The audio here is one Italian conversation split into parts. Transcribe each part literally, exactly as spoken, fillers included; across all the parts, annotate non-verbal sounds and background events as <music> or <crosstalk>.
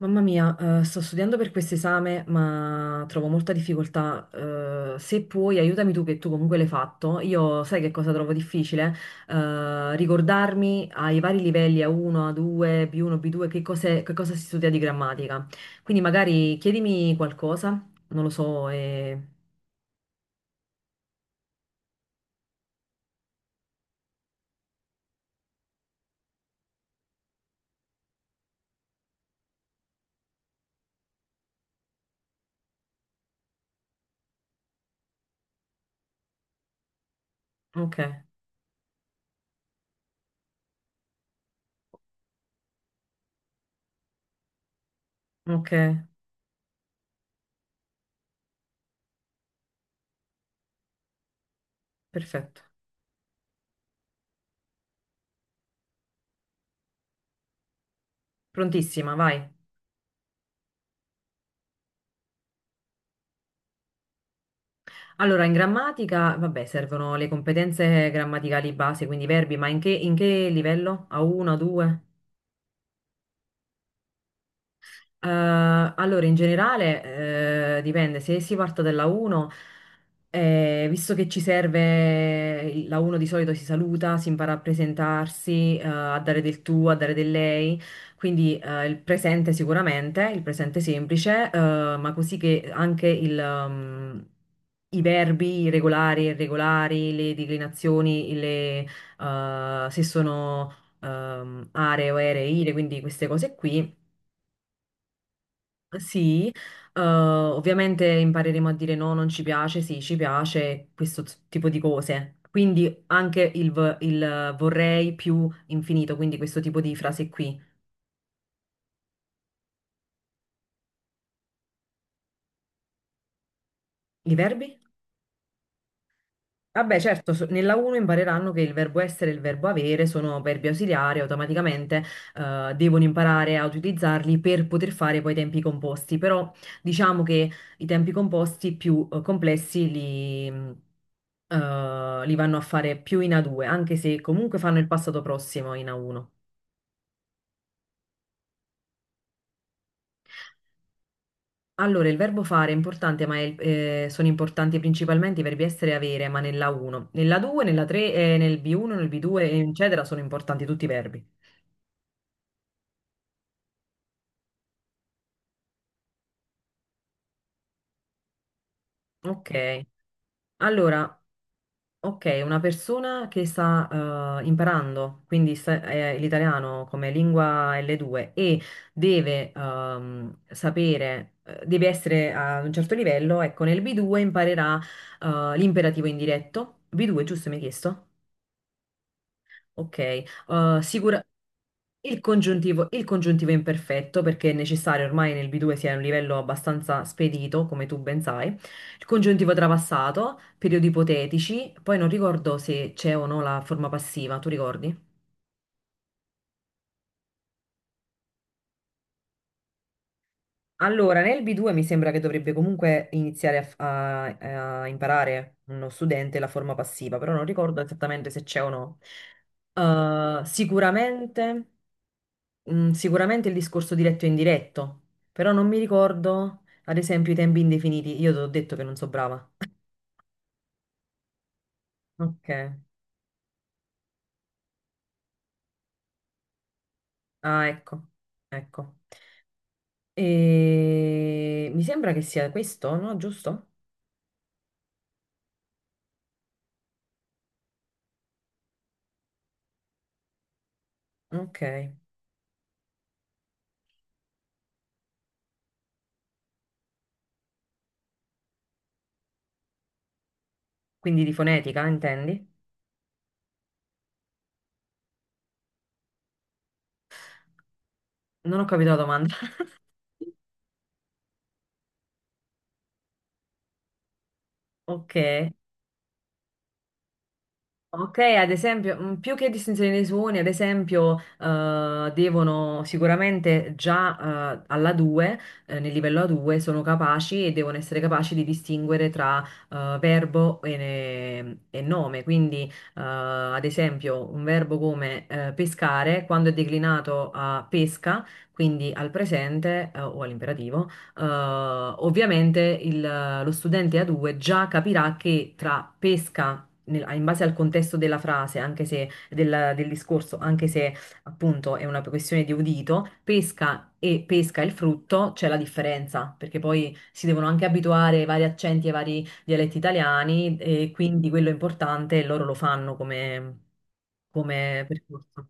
Mamma mia, eh, sto studiando per questo esame, ma trovo molta difficoltà. Eh, se puoi, aiutami tu, che tu comunque l'hai fatto. Io sai che cosa trovo difficile? Eh, ricordarmi ai vari livelli, A uno, A due, B uno, B due, che cos'è- che cosa si studia di grammatica. Quindi magari chiedimi qualcosa, non lo so. e- Ok, ok, perfetto. Prontissima, vai. Allora, in grammatica, vabbè, servono le competenze grammaticali base, quindi verbi, ma in che, in che livello? A uno, A due? Eh, allora, in generale, eh, dipende, se si parte dalla uno, eh, visto che ci serve, il- la uno di solito si saluta, si impara a presentarsi, eh, a dare del tu, a dare del lei, quindi eh, il presente sicuramente, il presente semplice, eh, ma così che anche il, um, i verbi regolari e irregolari, le declinazioni, le, eh, se sono ehm, aree o aeree, ire, quindi queste cose qui. Sì, eh, ovviamente impareremo a dire no, non ci piace, sì, ci piace, questo t- tipo di cose. Quindi anche il, v- il vorrei più infinito, quindi questo tipo di frase qui. I verbi? Vabbè, certo, so- nella uno impareranno che il verbo essere e il verbo avere sono verbi ausiliari, automaticamente eh, devono imparare a utilizzarli per poter fare poi i tempi composti, però diciamo che i tempi composti più eh, complessi li, mh, eh, li vanno a fare più in A due, anche se comunque fanno il passato prossimo in A uno. Allora, il verbo fare è importante, ma è il- eh, sono importanti principalmente i verbi essere e avere, ma nella prima. Nella due, nella terza, eh, nel B uno, nel B due, eccetera, sono importanti tutti i verbi. Ok, allora, ok, una persona che sta eh, imparando, quindi sta- eh, l'italiano come lingua elle due e deve ehm, sapere, eh, deve essere a un certo livello, ecco, nel B due imparerà eh, l'imperativo indiretto. B due, giusto, mi hai chiesto? Ok, eh, sicura- il congiuntivo, il congiuntivo è imperfetto perché è necessario ormai nel B due sia a un livello abbastanza spedito, come tu ben sai. Il congiuntivo trapassato, periodi ipotetici, poi non ricordo se c'è o no la forma passiva, tu ricordi? Allora, nel B due mi sembra che dovrebbe comunque iniziare a, f- a- a imparare uno studente la forma passiva, però non ricordo esattamente se c'è o no. Eh, sicuramente. Mm, sicuramente il discorso diretto e indiretto, però non mi ricordo, ad esempio, i tempi indefiniti. Io ti ho detto che non so brava. Ok. Ah, ecco. Ecco. E mi sembra che sia questo, no? Giusto? Ok. Quindi di fonetica, intendi? Non ho capito la domanda. <laughs> Ok. Ok, ad esempio, mh, più che distinzione dei suoni, ad esempio, eh, devono sicuramente già eh, alla due, eh, nel livello A due, sono capaci e devono essere capaci di distinguere tra eh, verbo e, e nome. Quindi, eh, ad esempio, un verbo come eh, pescare, quando è declinato a pesca, quindi al presente eh, o all'imperativo, eh, ovviamente il- lo studente A due già capirà che tra pesca nel- in base al contesto della frase, anche se del, del discorso, anche se appunto è una questione di udito, pesca e pesca il frutto, c'è la differenza, perché poi si devono anche abituare ai vari accenti e ai vari dialetti italiani e quindi quello è importante e loro lo fanno come, come percorso.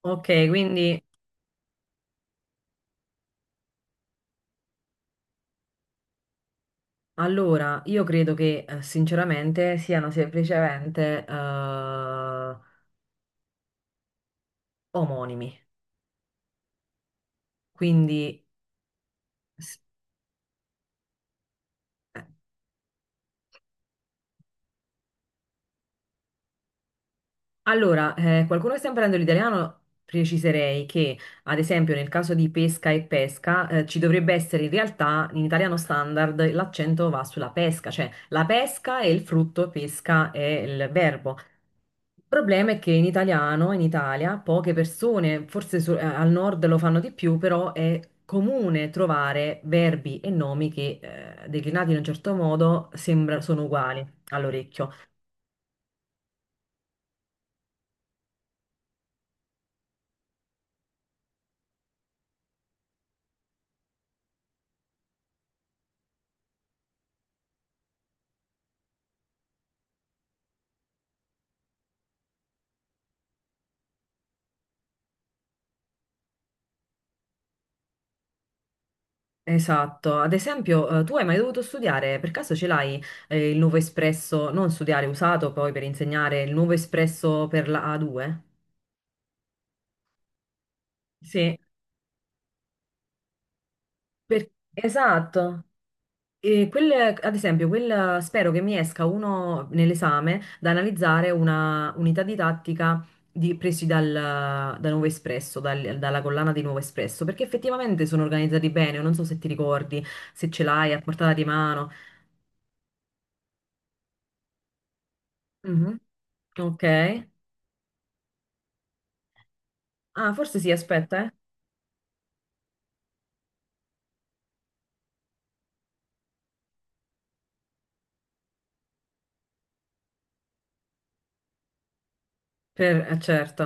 Ok, quindi allora io credo che eh, sinceramente siano semplicemente eh, omonimi, quindi. s- eh, Allora, eh, qualcuno che sta imparando l'italiano, preciserei che, ad esempio, nel caso di pesca e pesca, eh, ci dovrebbe essere in realtà, in italiano standard, l'accento va sulla pesca, cioè la pesca è il frutto, pesca è il verbo. Il problema è che in italiano, in Italia, poche persone, forse su- eh, al nord lo fanno di più, però è comune trovare verbi e nomi che, eh, declinati in un certo modo, sembra- sono uguali all'orecchio. Esatto, ad esempio, eh, tu hai mai dovuto studiare, per caso ce l'hai eh, il nuovo espresso, non studiare usato poi per insegnare il nuovo espresso per la A due? Sì, per- esatto. E quel, ad esempio, quel, spero che mi esca uno nell'esame da analizzare una unità didattica di- presi dal, da Nuovo Espresso, dal- dalla collana di Nuovo Espresso, perché effettivamente sono organizzati bene, non so se ti ricordi, se ce l'hai a portata di mano. Mhm. Ok. Ah, forse sì, aspetta, eh. Per, eh, certo.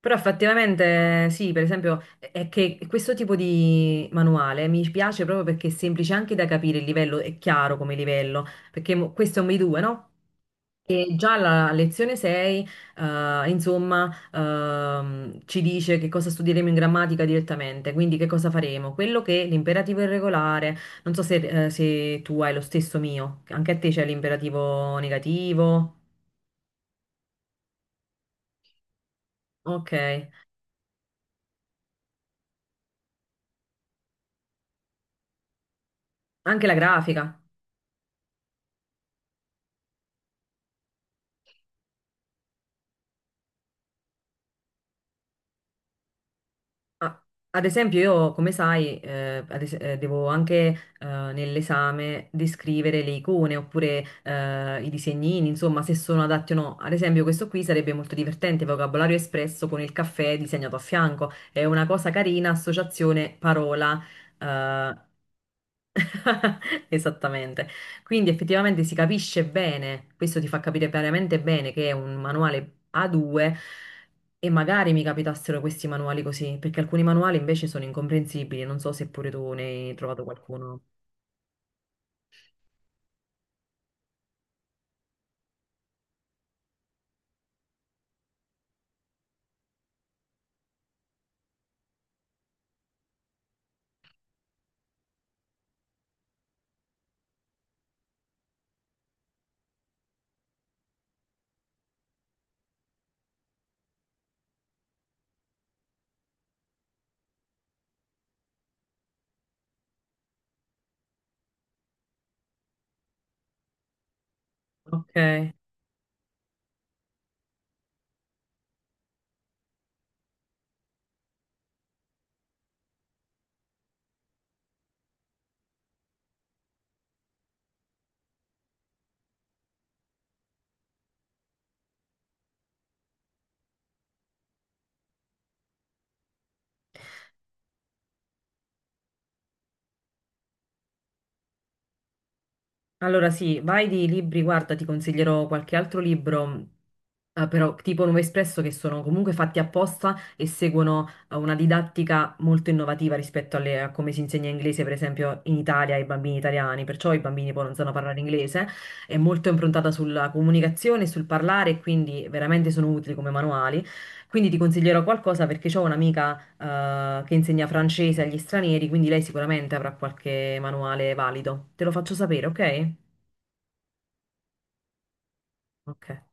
Però effettivamente sì, per esempio, è è che questo tipo di manuale mi piace proprio perché è semplice anche da capire il livello, è chiaro come livello, perché mo- questo è un B due, no? E già la lezione sei, eh, insomma, ehm, ci dice che cosa studieremo in grammatica direttamente, quindi che cosa faremo, quello che è l'imperativo irregolare, non so se, eh, se tu hai lo stesso mio, anche a te c'è l'imperativo negativo, ok. Anche la grafica. Ah, ad esempio, io, come sai, eh, ad es- eh, devo anche eh, nell'esame descrivere le icone oppure eh, i disegnini, insomma, se sono adatti o no. Ad esempio, questo qui sarebbe molto divertente, vocabolario espresso con il caffè disegnato a fianco. È una cosa carina, associazione, parola. eh, <laughs> Esattamente. Quindi effettivamente si capisce bene, questo ti fa capire veramente bene che è un manuale A due e magari mi capitassero questi manuali così, perché alcuni manuali invece sono incomprensibili, non so se pure tu ne hai trovato qualcuno. Ok, Allora sì, vai di libri, guarda, ti consiglierò qualche altro libro, eh, però tipo Nuovo Espresso, che sono comunque fatti apposta e seguono eh, una didattica molto innovativa rispetto alle- a come si insegna inglese, per esempio, in Italia ai bambini italiani, perciò i bambini poi non sanno parlare inglese, è molto improntata sulla comunicazione, sul parlare, e quindi veramente sono utili come manuali. Quindi ti consiglierò qualcosa perché ho un'amica eh, che insegna francese agli stranieri, quindi lei sicuramente avrà qualche manuale valido. Te lo faccio sapere, ok? Ok.